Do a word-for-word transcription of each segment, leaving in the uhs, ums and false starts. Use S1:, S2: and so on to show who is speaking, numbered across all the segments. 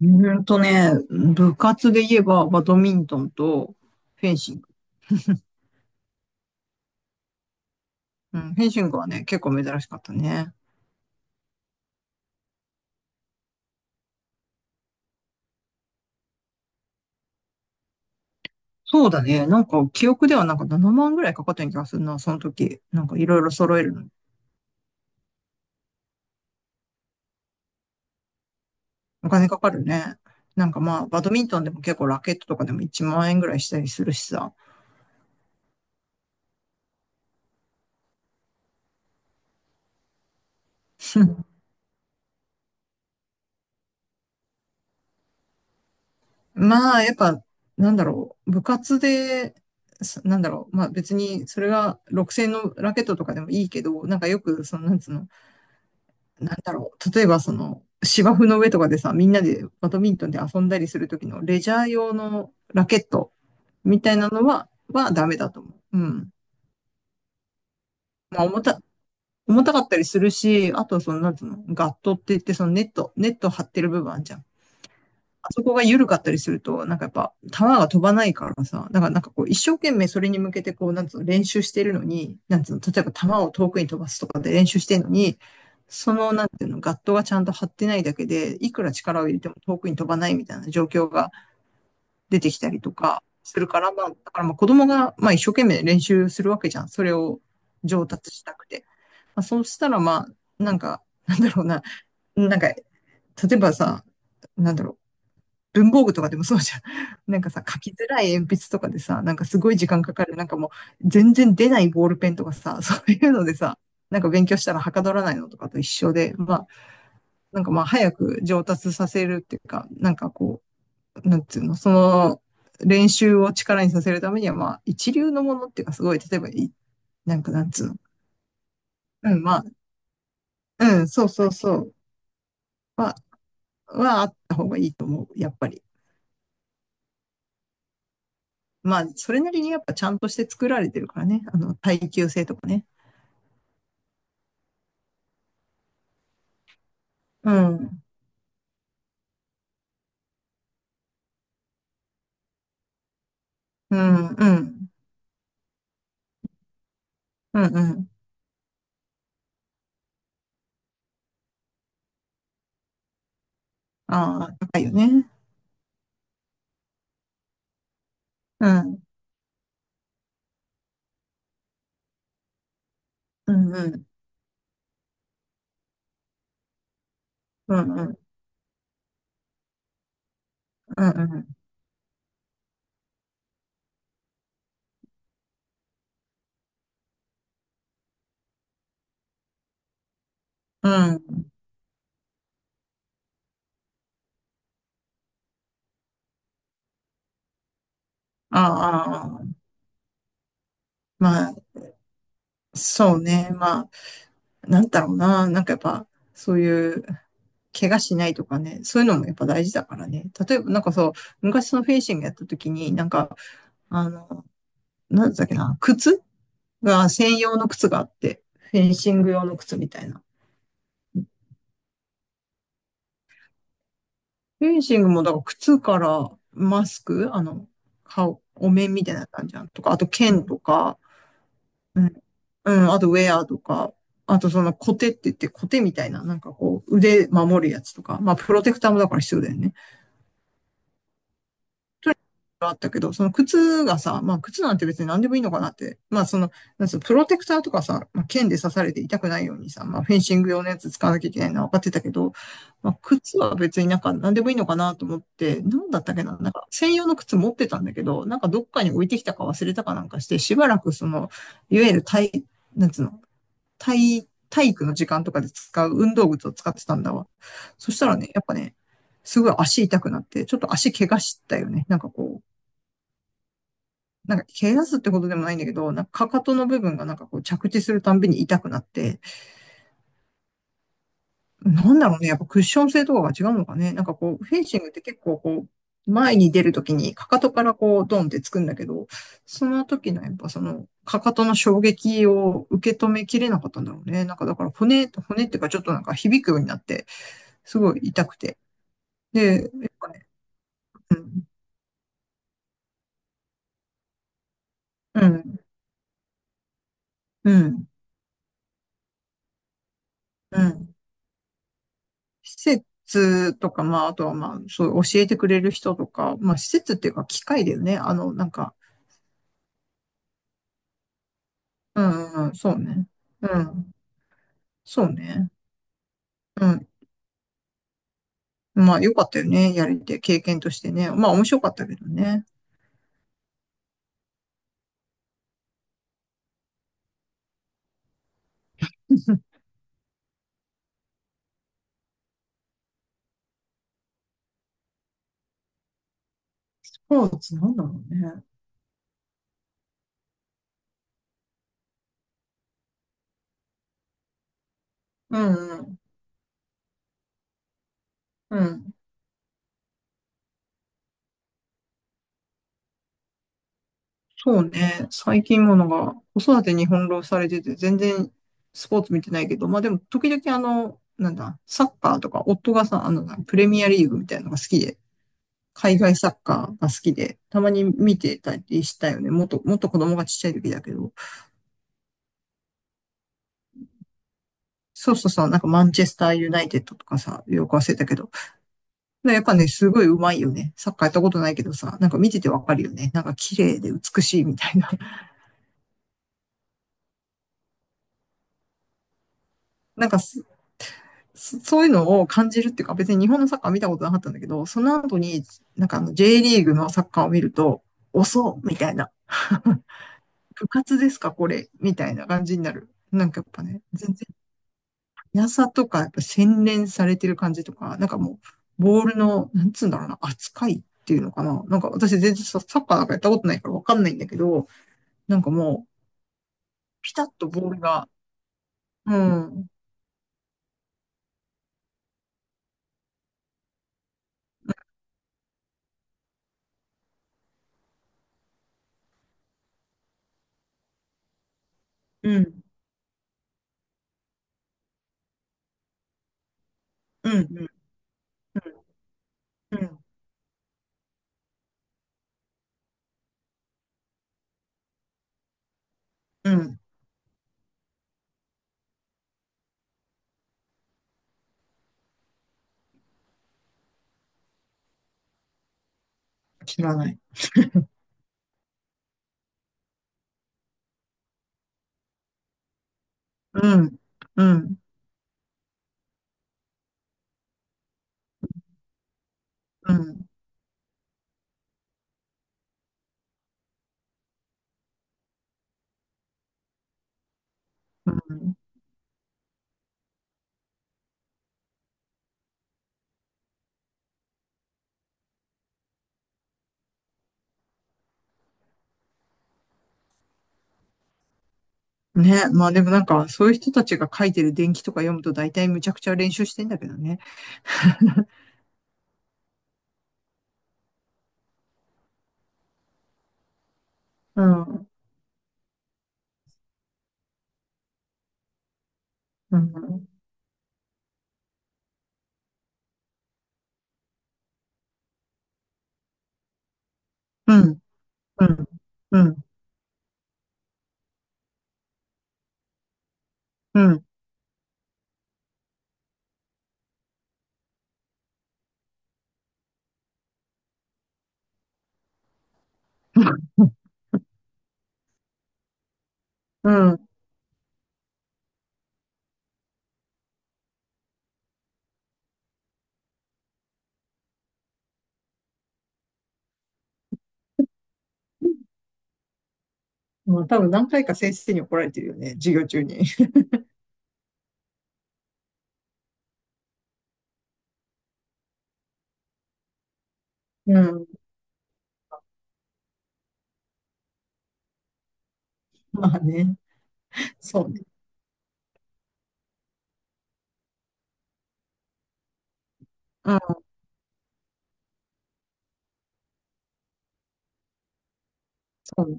S1: うーんとね、部活で言えばバドミントンとフェンシング。うん、フェンシングはね、結構珍しかったね。そうだね。なんか、記憶ではなんかななまんぐらいかかったような気がするな、その時。なんかいろいろ揃えるのに。お金かかるね。なんかまあ、バドミントンでも結構ラケットとかでもいちまんえん円ぐらいしたりするしさ。まあ、やっぱ、なんだろう、部活で、すなんだろう、まあ別にそれがろくせんのラケットとかでもいいけど、なんかよく、その、なんつうの、なんだろう。例えばその芝生の上とかでさ、みんなでバドミントンで遊んだりするときのレジャー用のラケットみたいなのは、はダメだと思う。うん。まあ重た、重たかったりするし、あとその、なんつうの、ガットって言ってそのネット、ネット張ってる部分あんじゃん。そこが緩かったりすると、なんかやっぱ、球が飛ばないからさ、だからなんかこう、一生懸命それに向けてこう、なんつうの、練習してるのに、なんつうの、例えば球を遠くに飛ばすとかで練習してるのに、その、なんていうの、ガットがちゃんと張ってないだけで、いくら力を入れても遠くに飛ばないみたいな状況が出てきたりとかするから、まあ、だからまあ子供が、まあ一生懸命練習するわけじゃん。それを上達したくて。まあそうしたらまあ、なんか、なんだろうな、なんか、例えばさ、なんだろう、文房具とかでもそうじゃん。なんかさ、書きづらい鉛筆とかでさ、なんかすごい時間かかる。なんかもう全然出ないボールペンとかさ、そういうのでさ、なんか勉強したらはかどらないのとかと一緒で、まあ、なんかまあ早く上達させるっていうか、なんかこう、なんつうの、その練習を力にさせるためには、まあ一流のものっていうかすごい、例えばい、なんかなんつうの。うん、まあ、うん、そうそうそう。は、はあった方がいいと思う、やっぱり。まあ、それなりにやっぱちゃんとして作られてるからね。あの、耐久性とかね。うん。うん、うん。うん、うん。ああ、高いよね。うん。うん、うん。うん、うん。うん、うん。うん。ああ、ああまあ、そうね。まあ、なんだろうな。なんかやっぱ、そういう、怪我しないとかね、そういうのもやっぱ大事だからね。例えばなんかそう、昔そのフェンシングやった時に、なんか、あの、なんだっけな、靴が専用の靴があって、フェンシング用の靴みたいな。フェンシングも、だから靴からマスク、あの、顔、お面みたいな感じじゃん。とか、あと剣とか、うん、うん、あとウェアとか、あとそのコテって言ってコテみたいな、なんかこう、腕守るやつとか、まあ、プロテクターもだから必要だよね。だけど、その靴がさ、まあ靴なんて別に何でもいいのかなって、まあその、なんつプロテクターとかさ、まあ、剣で刺されて痛くないようにさ、まあフェンシング用のやつ使わなきゃいけないのは分かってたけど、まあ靴は別になんか何でもいいのかなと思って、なんだったっけな、なんか専用の靴持ってたんだけど、なんかどっかに置いてきたか忘れたかなんかして、しばらくその、いわゆる体、なんつうの、体、体育の時間とかで使う運動靴を使ってたんだわ。そしたらね、やっぱね、すごい足痛くなって、ちょっと足怪我したよね。なんかこう、なんか、怪我すってことでもないんだけど、なんか、かかとの部分がなんかこう着地するたんびに痛くなって、なんだろうね、やっぱクッション性とかが違うのかね。なんかこう、フェンシングって結構こう、前に出るときにかかとからこう、ドンってつくんだけど、その時のやっぱその、かかとの衝撃を受け止めきれなかったんだろうね。なんかだから骨、骨っていうかちょっとなんか響くようになって、すごい痛くて。で、やっぱね、うん、うん、うん、うん。施設とか、まあ、あとはまあ、そう、教えてくれる人とか、まあ、施設っていうか、機械だよね。あの、なんか、うんうん、そうね。うん、そうね。うん。まあ、よかったよね。やれて、経験としてね。まあ、面白かったけどね。スポーツなんだろうね。うんうん、うん。そうね。最近ものが、子育てに翻弄されてて、全然スポーツ見てないけど、まあでも、時々あの、なんだ、サッカーとか、夫がさ、あの、プレミアリーグみたいなのが好きで、海外サッカーが好きで、たまに見てたりしたよね。もっと、もっと子供がちっちゃい時だけど。そうそうそう、なんかマンチェスターユナイテッドとかさ、よく忘れたけど。やっぱね、すごい上手いよね。サッカーやったことないけどさ、なんか見ててわかるよね。なんか綺麗で美しいみたいな。なんかすそういうのを感じるっていうか、別に日本のサッカー見たことなかったんだけど、その後に、なんかあの J リーグのサッカーを見ると、遅うみたいな。部活ですかこれみたいな感じになる。なんかやっぱね、全然やさとか、やっぱ洗練されてる感じとか、なんかもう、ボールの、なんつうんだろうな、扱いっていうのかな。なんか私全然サッカーなんかやったことないからわかんないんだけど、なんかもう、ピタッとボールが、うん、うん、うん、うん、うん、うん、うん、知らない。うん、うん、うん、うん。ね、まあでもなんか、そういう人たちが書いてる伝記とか読むと大体むちゃくちゃ練習してんだけどね。うん、うん、うん、うん、うん、うん、うん、まあ、多分何回か先生に怒られてるよね、授業中に。うん。まあね。そうね。うん。そうね。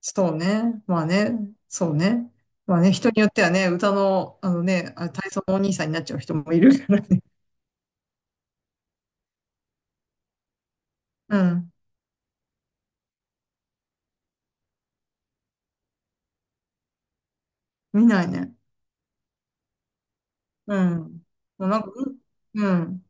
S1: そうね。まあね。そうね。まあね、人によってはね、歌の、あのね、あ体操のお兄さんになっちゃう人もいるからね。うん。見ないね。うん。もうなんか、うん。うん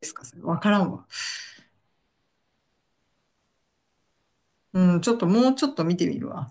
S1: ですか、それ。わからんわ。うん。ちょっと、もうちょっと見てみるわ。